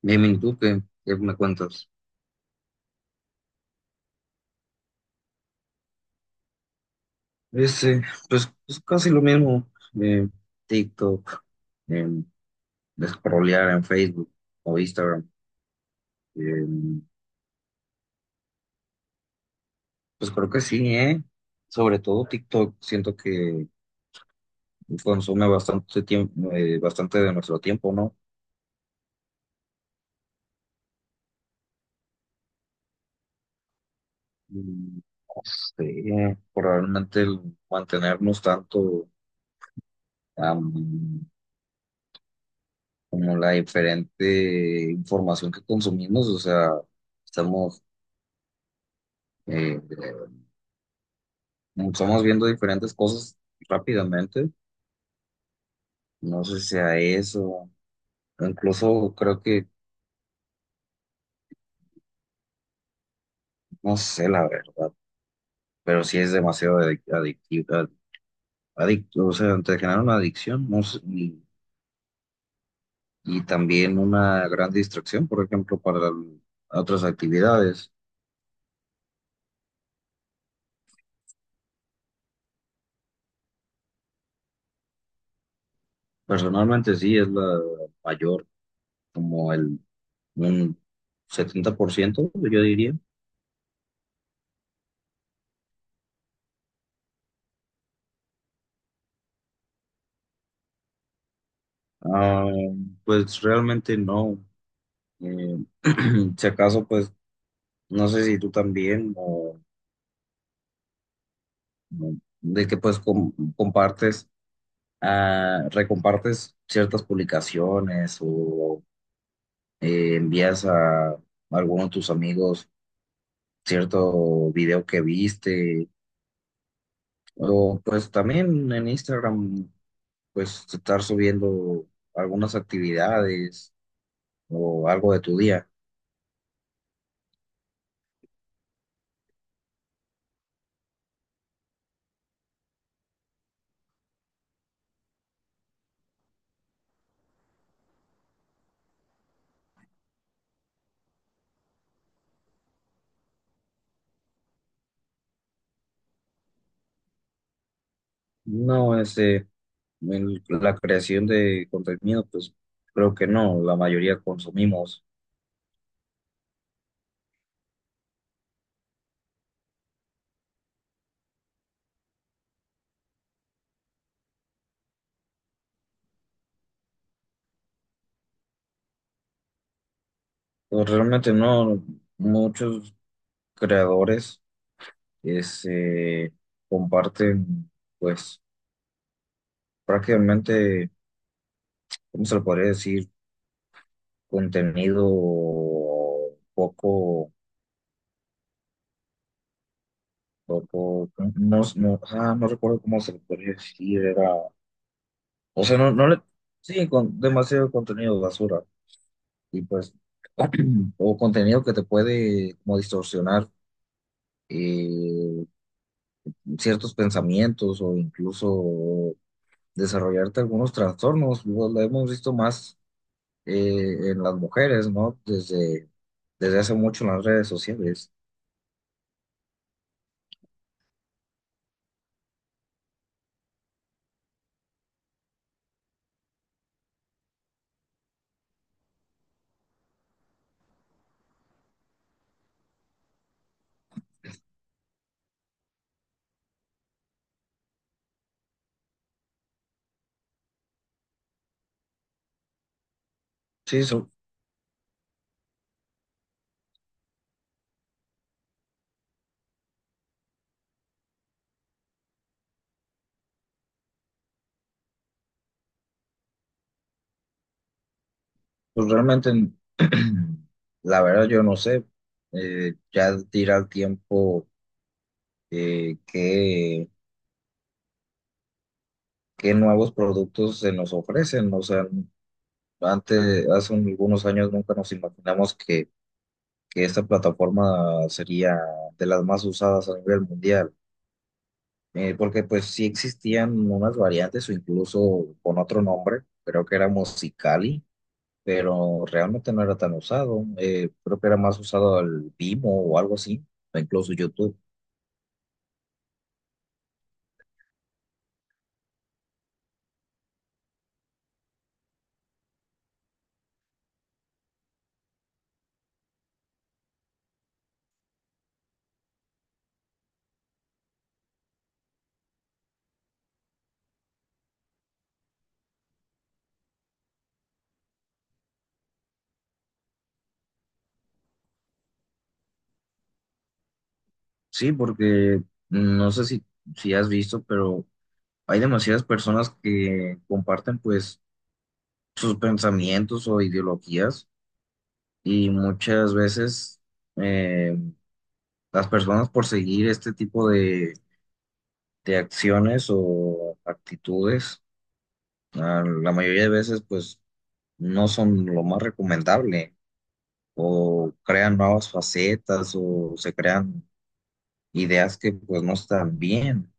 Bien, ¿y tú qué, me cuentas? Ese, pues casi lo mismo. eh, TikTok, em, scrollear en Facebook o Instagram. em, pues creo que sí, ¿eh? Sobre todo TikTok, siento que consume bastante tiempo, bastante de nuestro tiempo, ¿no? Mm, No sé, probablemente el mantenernos tanto, am, como la diferente información que consumimos. O sea, estamos... eh, estamos viendo diferentes cosas rápidamente. No sé si sea eso. O incluso creo que, no sé la verdad, pero sí es demasiado adictivo. Adicto, o sea, te genera una adicción, no sé, y también una gran distracción, por ejemplo, para otras actividades. Personalmente sí es la mayor, como el un 70%, yo diría. Ah, pues realmente no. Eh, si acaso, pues no sé si tú también, o de que pues compartes, ah, recompartes ciertas publicaciones o envías a alguno de tus amigos cierto video que viste, o pues también en Instagram pues estar subiendo algunas actividades o algo de tu día. No, este, la creación de contenido pues creo que no, la mayoría consumimos. Pues realmente no, muchos creadores, este, comparten, pues prácticamente, ¿cómo se le podría decir? Contenido poco, poco, no recuerdo cómo se le podría decir, era, o sea, no, no le, sí, con demasiado contenido basura, y pues, o contenido que te puede como distorsionar, eh, ciertos pensamientos o incluso desarrollarte algunos trastornos. Lo hemos visto más, en las mujeres, ¿no? Desde hace mucho en las redes sociales. Sí, pues realmente, la verdad yo no sé, ya dirá el tiempo eh, qué, qué nuevos productos se nos ofrecen. O sea, antes, hace algunos años nunca nos imaginamos que esta plataforma sería de las más usadas a nivel mundial. Porque pues sí existían unas variantes o incluso con otro nombre, creo que era Musicali, pero realmente no era tan usado. Creo que era más usado el Vimo o algo así, o incluso YouTube. Sí, porque no sé si, si has visto, pero hay demasiadas personas que comparten pues sus pensamientos o ideologías, y muchas veces eh, las personas por seguir este tipo de acciones o actitudes, ah, la mayoría de veces, pues, no son lo más recomendable, o crean nuevas facetas, o se crean ideas que, pues, no están bien.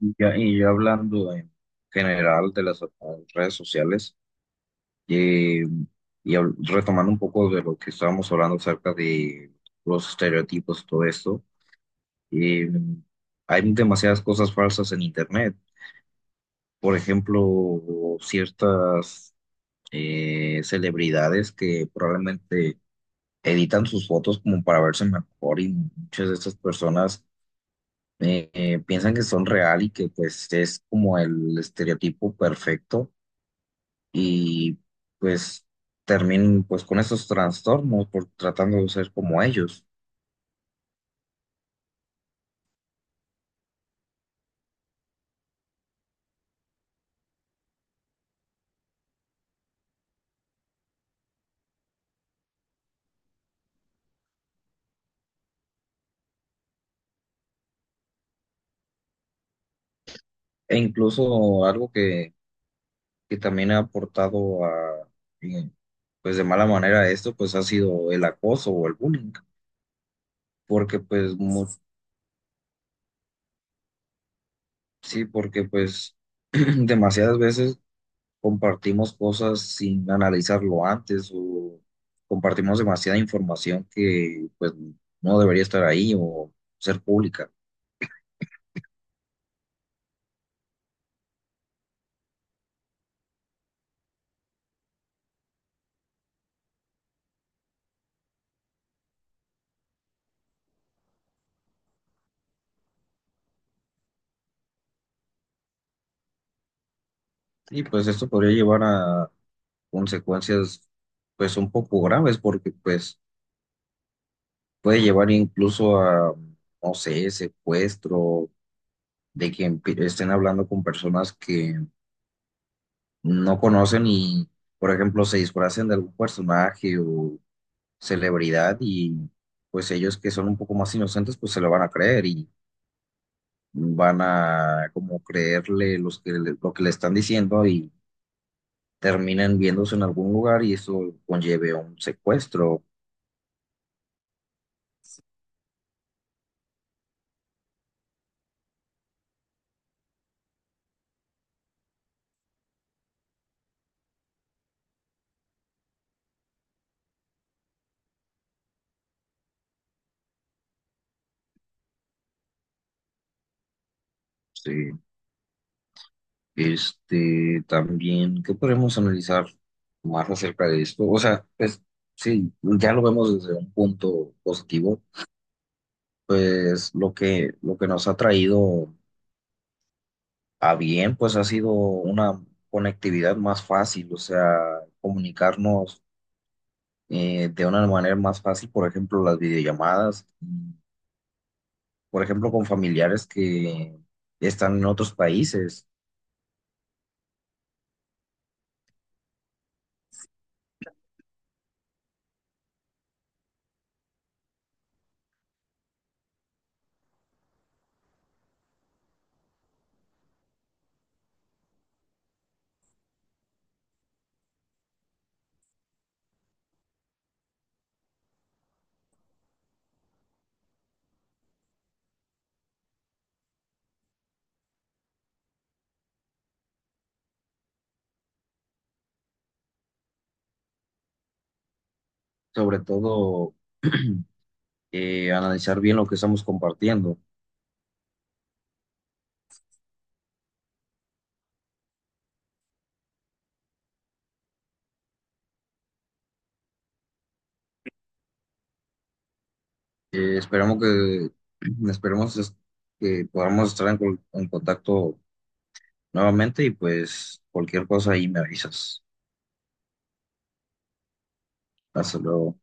Y ya hablando en general de las, redes sociales, eh, retomando un poco de lo que estábamos hablando acerca de los estereotipos y todo esto, eh, hay demasiadas cosas falsas en Internet. Por ejemplo, ciertas, celebridades que probablemente editan sus fotos como para verse mejor, y muchas de estas personas piensan que son real y que pues es como el estereotipo perfecto, y pues terminan pues con esos trastornos por tratando de ser como ellos. E incluso algo que también ha aportado a, eh, pues de mala manera a esto, pues ha sido el acoso o el bullying, porque pues sí, porque pues demasiadas veces compartimos cosas sin analizarlo antes, o compartimos demasiada información que pues no debería estar ahí o ser pública. Y pues esto podría llevar a consecuencias pues un poco graves, porque pues puede llevar incluso a, no sé, secuestro, de que estén hablando con personas que no conocen y, por ejemplo, se disfracen de algún personaje o celebridad, y pues ellos que son un poco más inocentes pues se lo van a creer, y van a como creerle los que lo que le están diciendo, y terminan viéndose en algún lugar y eso conlleve a un secuestro. Sí. Este, también, ¿qué podemos analizar más acerca de esto? O sea, pues sí, ya lo vemos desde un punto positivo. Pues lo que nos ha traído, ah, bien, pues ha sido una conectividad más fácil, o sea, comunicarnos, de una manera más fácil, por ejemplo, las videollamadas, y, por ejemplo, con familiares que están en otros países. Sobre todo analizar bien lo que estamos compartiendo. Esperemos que, esperemos es- que podamos estar en, en contacto nuevamente, y pues cualquier cosa ahí me avisas. Hasta luego.